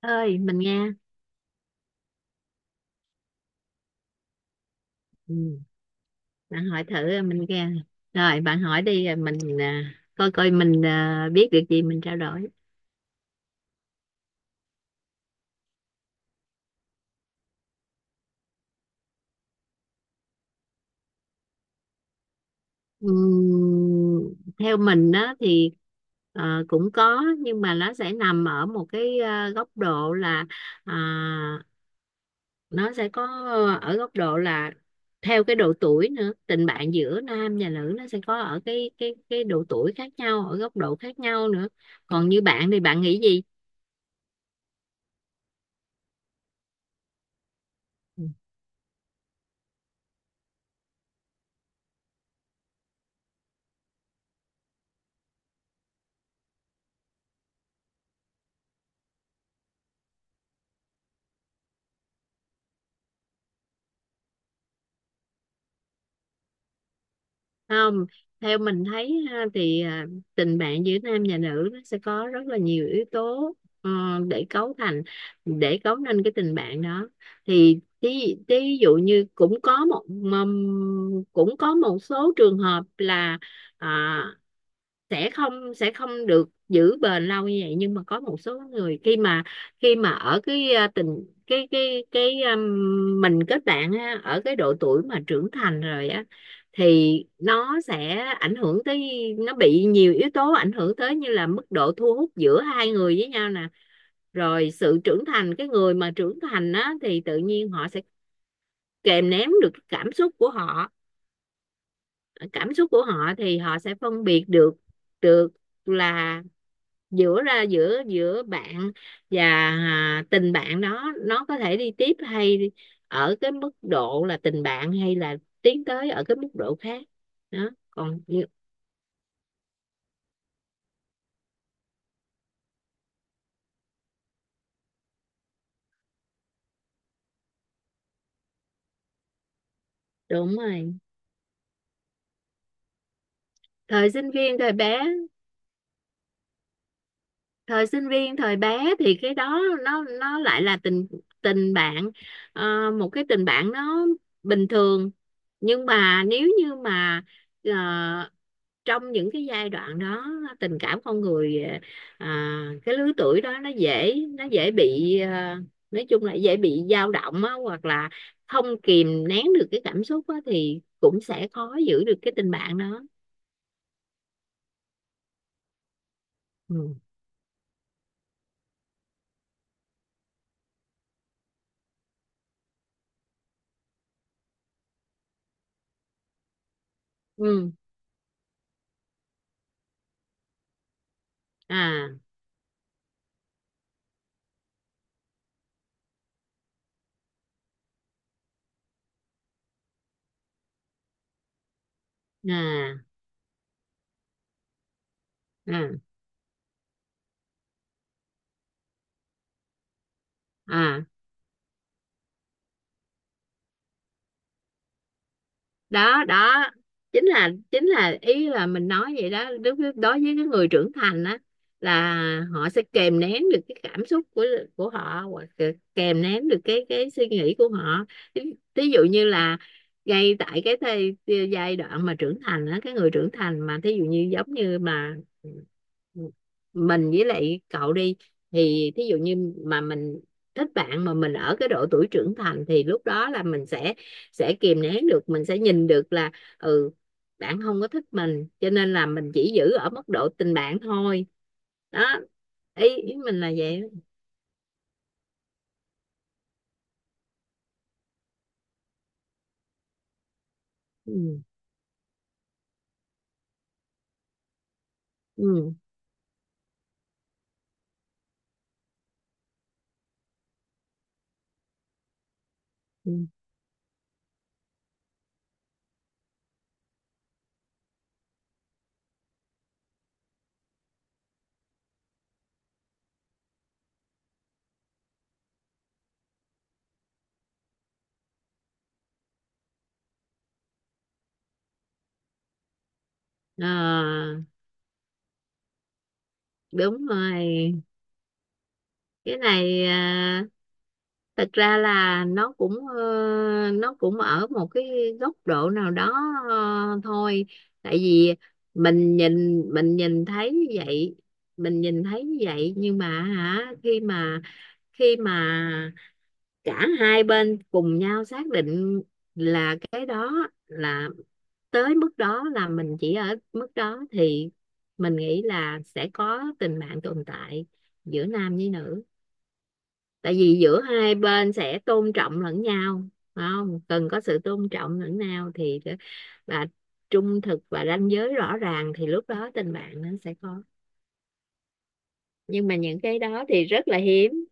Ơi, mình nghe. Ừ. Bạn hỏi thử mình nghe, rồi bạn hỏi đi rồi mình coi coi mình biết được gì mình trao đổi. Theo mình đó thì cũng có, nhưng mà nó sẽ nằm ở một cái góc độ là à, nó sẽ có ở góc độ là theo cái độ tuổi nữa. Tình bạn giữa nam và nữ nó sẽ có ở cái độ tuổi khác nhau, ở góc độ khác nhau nữa. Còn như bạn thì bạn nghĩ gì? Không, theo mình thấy ha, thì tình bạn giữa nam và nữ nó sẽ có rất là nhiều yếu tố ờ, để cấu thành, để cấu nên cái tình bạn đó. Thì thí dụ như cũng có cũng có một số trường hợp là à, sẽ không được giữ bền lâu như vậy, nhưng mà có một số người khi mà ở cái à, tình cái mình kết bạn á, ở cái độ tuổi mà trưởng thành rồi á, thì nó sẽ ảnh hưởng tới, nó bị nhiều yếu tố ảnh hưởng tới, như là mức độ thu hút giữa hai người với nhau nè, rồi sự trưởng thành. Cái người mà trưởng thành á thì tự nhiên họ sẽ kìm nén được cảm xúc của họ. Cảm xúc của họ thì họ sẽ phân biệt được được là giữa ra giữa giữa bạn và tình bạn đó, nó có thể đi tiếp hay ở cái mức độ là tình bạn, hay là tiến tới ở cái mức độ khác. Đó, đúng rồi. Thời sinh viên, thời bé, thời sinh viên thời bé thì cái đó nó lại là tình tình bạn. Ờ, một cái tình bạn nó bình thường, nhưng mà nếu như mà ờ, trong những cái giai đoạn đó, tình cảm con người, cái lứa tuổi đó nó dễ bị, nói chung là dễ bị dao động á, hoặc là không kìm nén được cái cảm xúc á, thì cũng sẽ khó giữ được cái tình bạn đó. Ừ. Ừ. À, à, à, à. Đó, đó chính là ý là mình nói vậy đó. Đối với, cái người trưởng thành á, là họ sẽ kìm nén được cái cảm xúc của họ, hoặc là kìm nén được cái suy nghĩ của họ. Ví Ví dụ như là ngay tại cái thời, giai đoạn mà trưởng thành á, cái người trưởng thành mà thí dụ như giống như mà mình với lại cậu đi, thì thí dụ như mà mình thích bạn, mà mình ở cái độ tuổi trưởng thành, thì lúc đó là mình sẽ kìm nén được. Mình sẽ nhìn được là ừ, bạn không có thích mình, cho nên là mình chỉ giữ ở mức độ tình bạn thôi. Đó, ý ý mình là vậy. Ừ, ừ, ừ. Ờ, đúng rồi. Cái này thật ra là nó cũng nó cũng ở một cái góc độ nào đó thôi. Tại vì mình nhìn, thấy như vậy, mình nhìn thấy như vậy. Nhưng mà hả, khi mà cả hai bên cùng nhau xác định là cái đó là, tới mức đó là mình chỉ ở mức đó, thì mình nghĩ là sẽ có tình bạn tồn tại giữa nam với nữ. Tại vì giữa hai bên sẽ tôn trọng lẫn nhau, phải không, cần có sự tôn trọng lẫn nhau thì, và trung thực và ranh giới rõ ràng, thì lúc đó tình bạn nó sẽ có. Nhưng mà những cái đó thì rất là hiếm.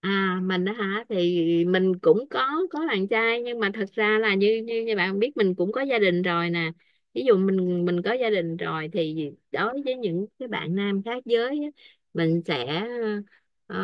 À, mình á hả, thì mình cũng có bạn trai, nhưng mà thật ra là như như như bạn biết, mình cũng có gia đình rồi nè. Ví dụ mình, có gia đình rồi, thì đối với những cái bạn nam khác giới á, mình sẽ ờ,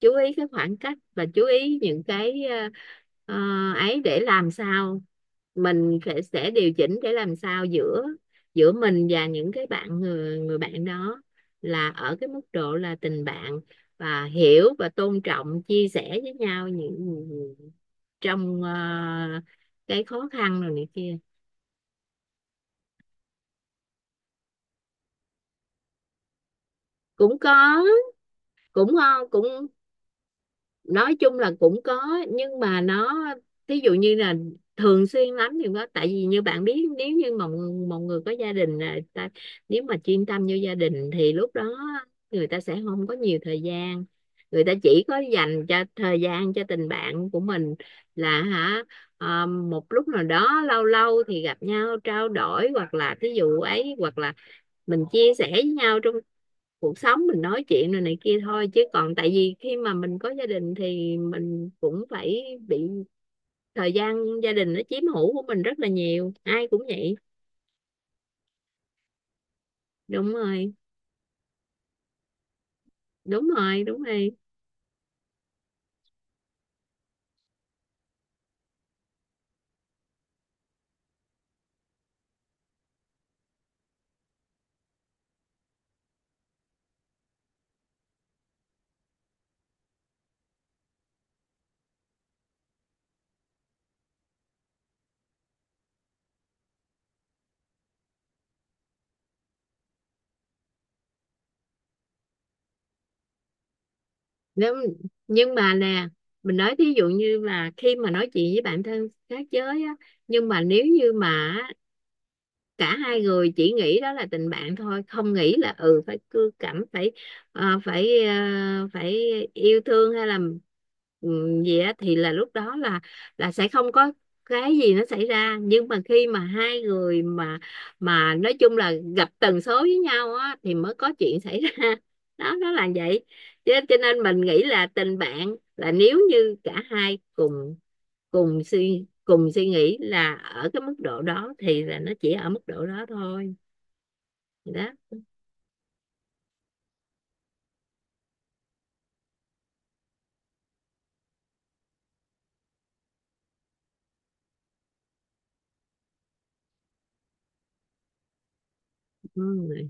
chú ý cái khoảng cách, và chú ý những cái ờ, ấy, để làm sao mình phải sẽ điều chỉnh để làm sao giữa, mình và những cái bạn, người người bạn đó là ở cái mức độ là tình bạn, và hiểu và tôn trọng, chia sẻ với nhau những, trong cái khó khăn rồi này kia. Cũng có, cũng ngon, cũng nói chung là cũng có, nhưng mà nó, thí dụ như là thường xuyên lắm thì có. Tại vì như bạn biết, nếu như mà một, người có gia đình là ta, nếu mà chuyên tâm vô gia đình thì lúc đó người ta sẽ không có nhiều thời gian, người ta chỉ có dành cho thời gian cho tình bạn của mình là hả, một lúc nào đó lâu lâu thì gặp nhau trao đổi, hoặc là thí dụ ấy, hoặc là mình chia sẻ với nhau trong cuộc sống, mình nói chuyện rồi này kia thôi. Chứ còn tại vì khi mà mình có gia đình, thì mình cũng phải bị thời gian gia đình nó chiếm hữu của mình rất là nhiều, ai cũng vậy. Đúng rồi, đúng rồi, đúng rồi. nếu nhưng mà nè, mình nói thí dụ như là khi mà nói chuyện với bạn thân khác giới á, nhưng mà nếu như mà cả hai người chỉ nghĩ đó là tình bạn thôi, không nghĩ là ừ phải cưa cẩm, ờ, phải ờ, phải yêu thương, hay là ừ, gì á, thì là lúc đó là, sẽ không có cái gì nó xảy ra. Nhưng mà khi mà hai người mà, nói chung là gặp tần số với nhau á, thì mới có chuyện xảy ra đó, nó là vậy. Cho nên mình nghĩ là tình bạn là nếu như cả hai cùng cùng suy nghĩ là ở cái mức độ đó, thì là nó chỉ ở mức độ đó thôi. Đó. Ừ.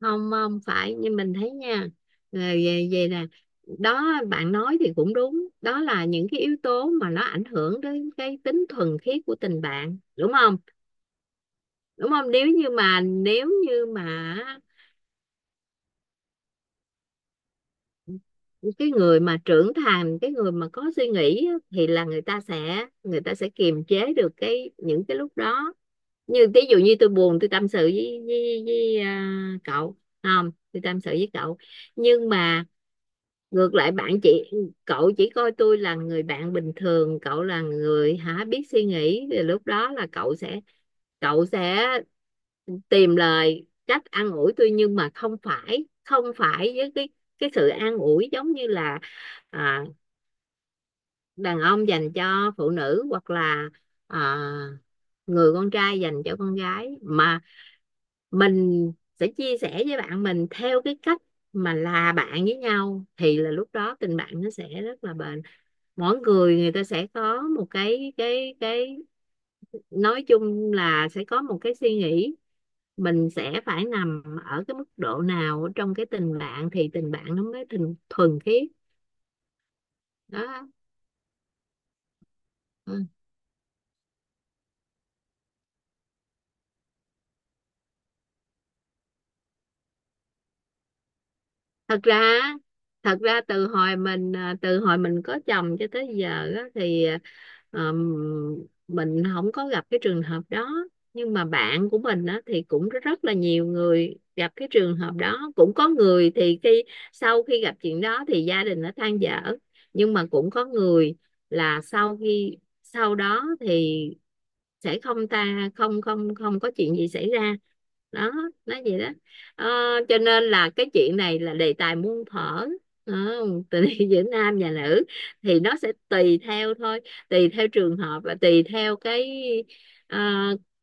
Không, không phải như mình thấy nha, là về về là, đó bạn nói thì cũng đúng, đó là những cái yếu tố mà nó ảnh hưởng đến cái tính thuần khiết của tình bạn, đúng không, đúng không? Nếu như mà nếu như mà cái người mà trưởng thành, cái người mà có suy nghĩ á, thì là người ta sẽ, kiềm chế được cái những cái lúc đó. Như ví dụ như tôi buồn, tôi tâm sự với, cậu. Không, tôi tâm sự với cậu, nhưng mà ngược lại bạn, chị, cậu chỉ coi tôi là người bạn bình thường, cậu là người hả biết suy nghĩ, thì lúc đó là cậu sẽ, cậu sẽ tìm lời, cách an ủi tôi, nhưng mà không phải, với cái, sự an ủi giống như là à, đàn ông dành cho phụ nữ, hoặc là à, người con trai dành cho con gái, mà mình sẽ chia sẻ với bạn mình theo cái cách mà là bạn với nhau, thì là lúc đó tình bạn nó sẽ rất là bền. Mỗi người, ta sẽ có một cái, nói chung là sẽ có một cái suy nghĩ mình sẽ phải nằm ở cái mức độ nào trong cái tình bạn, thì tình bạn nó mới tình thuần khiết. Đó. Ừ. thật ra Thật ra từ hồi mình từ hồi mình có chồng cho tới giờ á, thì ờ, mình không có gặp cái trường hợp đó. Nhưng mà bạn của mình á, thì cũng rất là nhiều người gặp cái trường hợp đó. Cũng có người thì khi, sau khi gặp chuyện đó thì gia đình nó than dở, nhưng mà cũng có người là sau khi, sau đó thì sẽ không ta không không không có chuyện gì xảy ra. Đó, nói vậy đó. Ờ, cho nên là cái chuyện này là đề tài muôn thuở. Đó, tình yêu giữa nam và nữ thì nó sẽ tùy theo thôi, tùy theo trường hợp, và tùy theo cái ờ,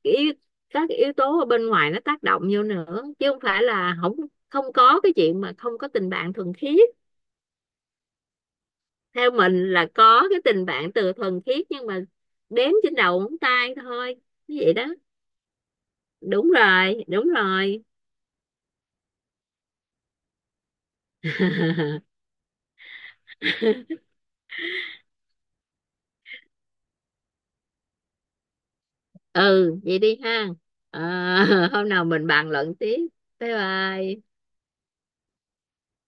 cái yếu, các cái yếu tố ở bên ngoài nó tác động vô nữa, chứ không phải là không không có cái chuyện mà không có tình bạn thuần khiết. Theo mình là có cái tình bạn từ thuần khiết, nhưng mà đếm trên đầu ngón tay thôi, như vậy đó. Đúng rồi, đúng rồi. Ừ, vậy đi ha. Ờ. Hôm nào mình bàn luận tiếp. Bye bye.